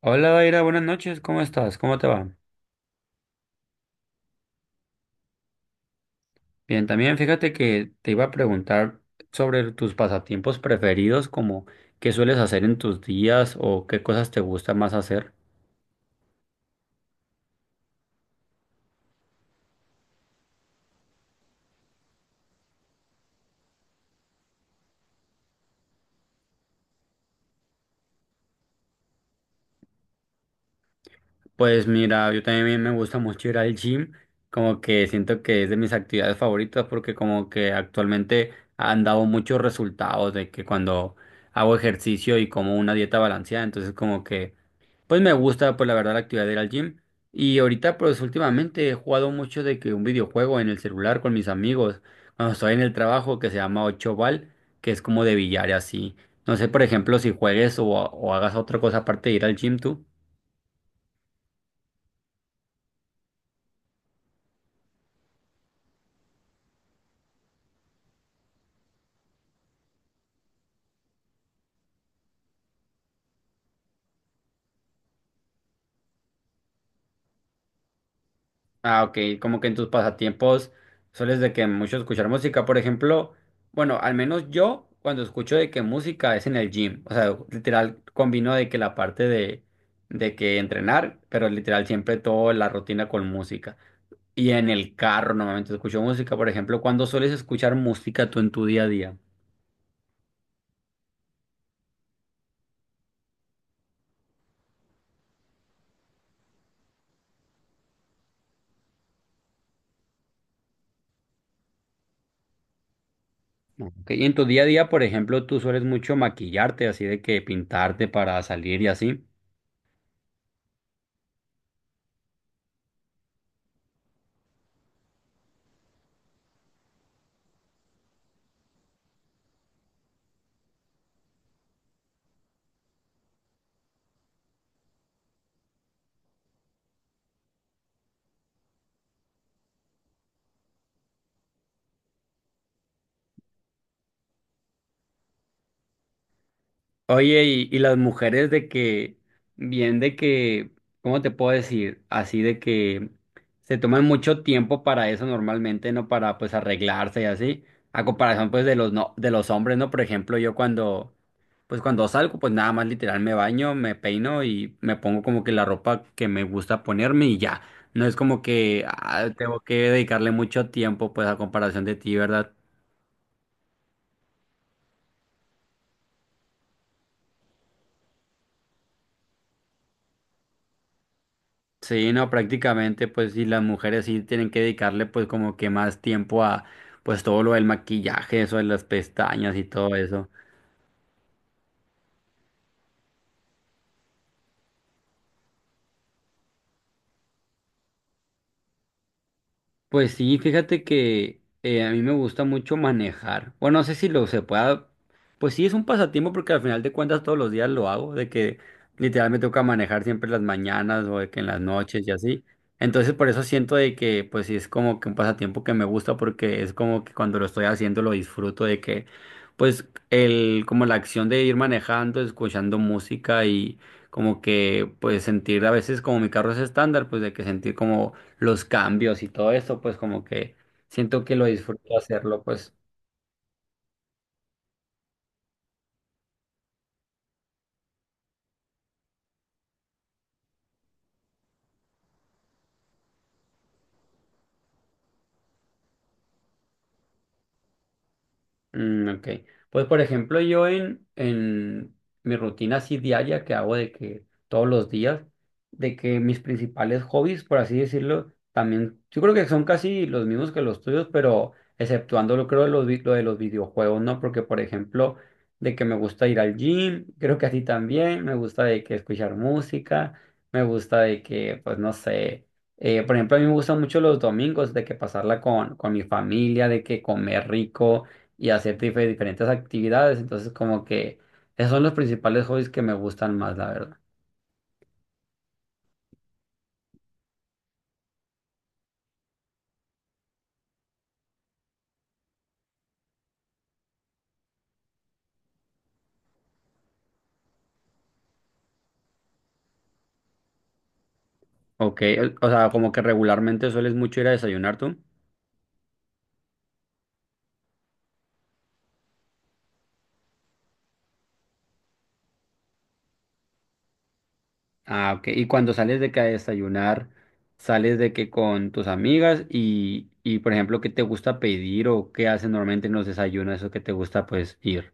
Hola, Daira, buenas noches, ¿cómo estás? ¿Cómo te va? Bien, también fíjate que te iba a preguntar sobre tus pasatiempos preferidos, como qué sueles hacer en tus días o qué cosas te gusta más hacer. Pues mira, yo también me gusta mucho ir al gym, como que siento que es de mis actividades favoritas porque como que actualmente han dado muchos resultados de que cuando hago ejercicio y como una dieta balanceada, entonces como que pues me gusta, pues la verdad, la actividad de ir al gym. Y ahorita, pues últimamente he jugado mucho de que un videojuego en el celular con mis amigos, cuando estoy en el trabajo, que se llama Ocho Ball, que es como de billar y así. No sé, por ejemplo, si juegues o hagas otra cosa aparte de ir al gym tú. Ah, ok, como que en tus pasatiempos sueles de que mucho escuchar música, por ejemplo, bueno, al menos yo cuando escucho de que música es en el gym, o sea, literal combino de que la parte de que entrenar, pero literal siempre toda la rutina con música. Y en el carro normalmente escucho música, por ejemplo, cuando sueles escuchar música tú en tu día a día. Ok, y en tu día a día, por ejemplo, tú sueles mucho maquillarte, así de que pintarte para salir y así. Oye, y las mujeres de que, bien de que, ¿cómo te puedo decir? Así de que se toman mucho tiempo para eso normalmente, ¿no? Para pues arreglarse y así. A comparación pues de los no, de los hombres, ¿no? Por ejemplo, yo cuando, pues cuando salgo, pues nada más literal me baño, me peino y me pongo como que la ropa que me gusta ponerme y ya. No es como que ah, tengo que dedicarle mucho tiempo pues a comparación de ti, ¿verdad? Sí, no, prácticamente, pues sí, las mujeres sí tienen que dedicarle pues como que más tiempo a pues todo lo del maquillaje, eso de las pestañas y todo eso. Pues sí, fíjate que a mí me gusta mucho manejar. Bueno, no sé si lo se pueda. Pues sí, es un pasatiempo porque al final de cuentas todos los días lo hago, de que literal me toca manejar siempre en las mañanas o de que en las noches y así. Entonces por eso siento de que pues sí es como que un pasatiempo que me gusta porque es como que cuando lo estoy haciendo lo disfruto de que pues el como la acción de ir manejando, escuchando música y como que pues sentir a veces como mi carro es estándar, pues de que sentir como los cambios y todo eso, pues como que siento que lo disfruto hacerlo, pues. Mm, ok. Pues por ejemplo, yo en mi rutina así diaria que hago de que todos los días, de que mis principales hobbies, por así decirlo, también, yo creo que son casi los mismos que los tuyos, pero exceptuando lo creo de los, lo de los videojuegos, ¿no? Porque por ejemplo, de que me gusta ir al gym, creo que a ti también, me gusta de que escuchar música, me gusta de que, pues no sé. Por ejemplo, a mí me gustan mucho los domingos de que pasarla con mi familia, de que comer rico y hacer diferentes actividades. Entonces, como que esos son los principales hobbies que me gustan más, la verdad. Ok, o sea, como que regularmente sueles mucho ir a desayunar tú. Ah, ok. Y cuando sales de que a desayunar, sales de que con tus amigas y por ejemplo, ¿qué te gusta pedir o qué hacen normalmente en los desayunos, eso que te gusta pues ir?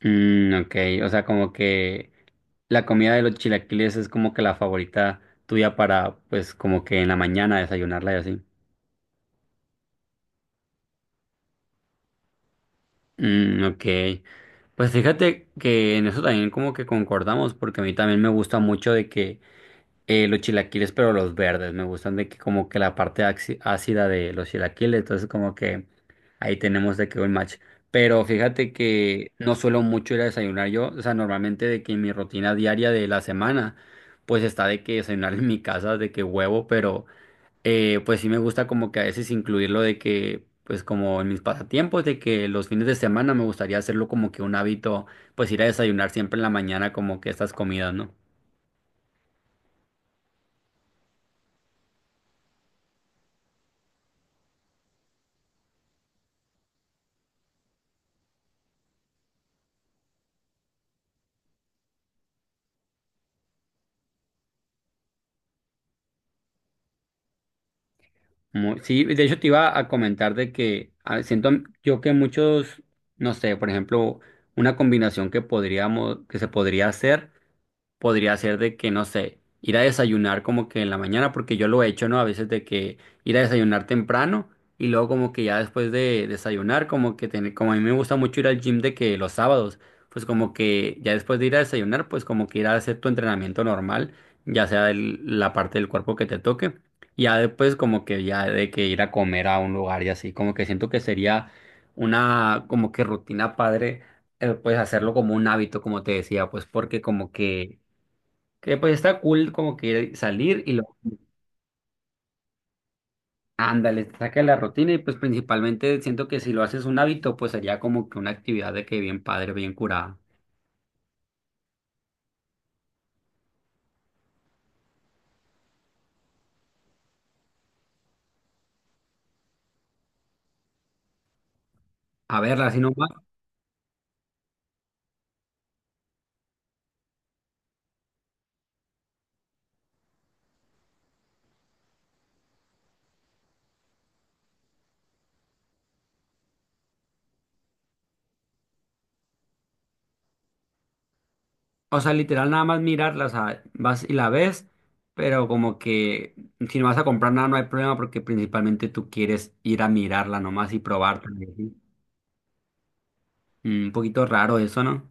Mm, ok, o sea, como que la comida de los chilaquiles es como que la favorita tuya para pues como que en la mañana desayunarla y así. Mm, ok. Pues fíjate que en eso también como que concordamos, porque a mí también me gusta mucho de que los chilaquiles, pero los verdes, me gustan de que como que la parte ácida de los chilaquiles, entonces como que ahí tenemos de que un match. Pero fíjate que no suelo mucho ir a desayunar yo, o sea, normalmente de que mi rutina diaria de la semana, pues está de que desayunar en mi casa, de que huevo, pero pues sí me gusta como que a veces incluirlo de que, pues como en mis pasatiempos, de que los fines de semana me gustaría hacerlo como que un hábito, pues ir a desayunar siempre en la mañana como que estas comidas, ¿no? Muy- sí, de hecho te iba a comentar de que ah, siento yo que muchos, no sé, por ejemplo, una combinación que podríamos, que se podría hacer. Podría ser de que, no sé, ir a desayunar como que en la mañana, porque yo lo he hecho, ¿no? A veces de que ir a desayunar temprano y luego como que ya después de desayunar, como que tener, como a mí me gusta mucho ir al gym de que los sábados, pues como que ya después de ir a desayunar, pues como que ir a hacer tu entrenamiento normal, ya sea la parte del cuerpo que te toque, y ya después como que ya de que ir a comer a un lugar y así, como que siento que sería una como que rutina padre pues hacerlo como un hábito, como te decía, pues porque como que que está cool como que salir y lo, ándale, te saca de la rutina y pues principalmente siento que si lo haces un hábito, pues sería como que una actividad de que bien padre, bien curada. A verla, así nomás, o sea, literal nada más mirarla, o sea, vas y la ves, pero como que si no vas a comprar nada no hay problema porque principalmente tú quieres ir a mirarla nomás y probarla, y así. Mm, un poquito raro eso, ¿no?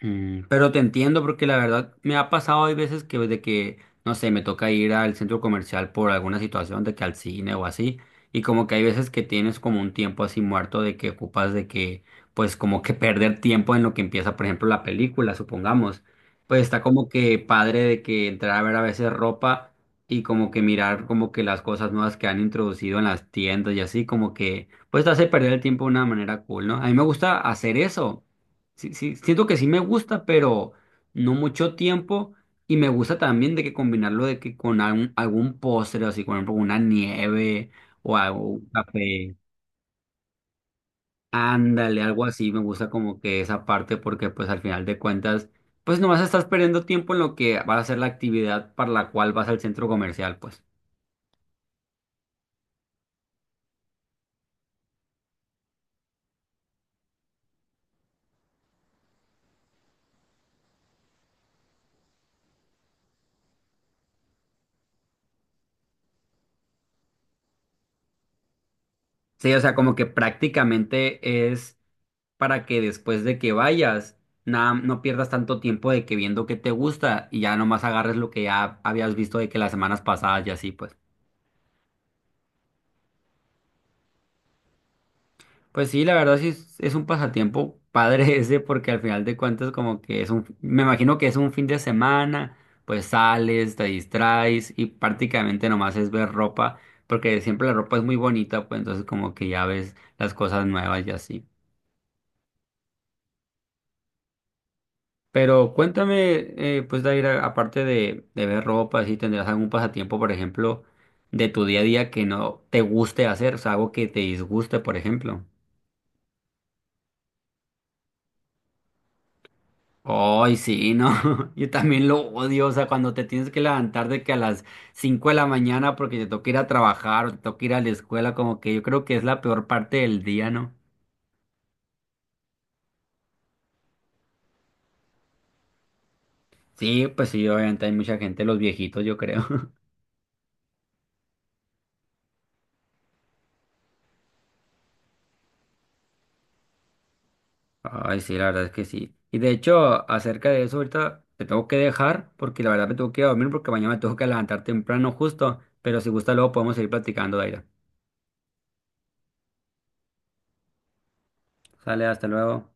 Mm, pero te entiendo porque la verdad me ha pasado hay veces que de que, no sé, me toca ir al centro comercial por alguna situación de que al cine o así, y como que hay veces que tienes como un tiempo así muerto de que ocupas de que, pues como que perder tiempo en lo que empieza, por ejemplo, la película, supongamos, pues está como que padre de que entrar a ver a veces ropa y como que mirar como que las cosas nuevas que han introducido en las tiendas y así, como que, pues te hace perder el tiempo de una manera cool, ¿no? A mí me gusta hacer eso. Sí, sí, siento que sí me gusta, pero no mucho tiempo. Y me gusta también de que combinarlo de que con algún postre, así, por ejemplo, una nieve o algo- un café. Ándale, algo así. Me gusta como que esa parte porque pues al final de cuentas, pues nomás estás perdiendo tiempo en lo que va a ser la actividad para la cual vas al centro comercial, pues. Sí, o sea, como que prácticamente es para que después de que vayas, nada, no pierdas tanto tiempo de que viendo qué te gusta y ya nomás agarres lo que ya habías visto de que las semanas pasadas y así, pues. Pues sí, la verdad sí es un pasatiempo padre ese porque al final de cuentas como que es un, me imagino que es un fin de semana, pues sales, te distraes y prácticamente nomás es ver ropa porque siempre la ropa es muy bonita, pues entonces como que ya ves las cosas nuevas y así. Pero cuéntame, pues Daira, aparte de ver ropa, si tendrás algún pasatiempo, por ejemplo, de tu día a día que no te guste hacer, o sea, algo que te disguste, por ejemplo. Ay, sí, no, yo también lo odio, o sea, cuando te tienes que levantar de que a las 5 de la mañana porque te toca ir a trabajar o te toca ir a la escuela, como que yo creo que es la peor parte del día, ¿no? Sí, pues sí, obviamente hay mucha gente, los viejitos, yo creo. Ay, sí, la verdad es que sí. Y de hecho, acerca de eso, ahorita te tengo que dejar porque la verdad me tengo que ir a dormir porque mañana me tengo que levantar temprano justo. Pero si gusta, luego podemos seguir platicando, Daira. Sale, hasta luego.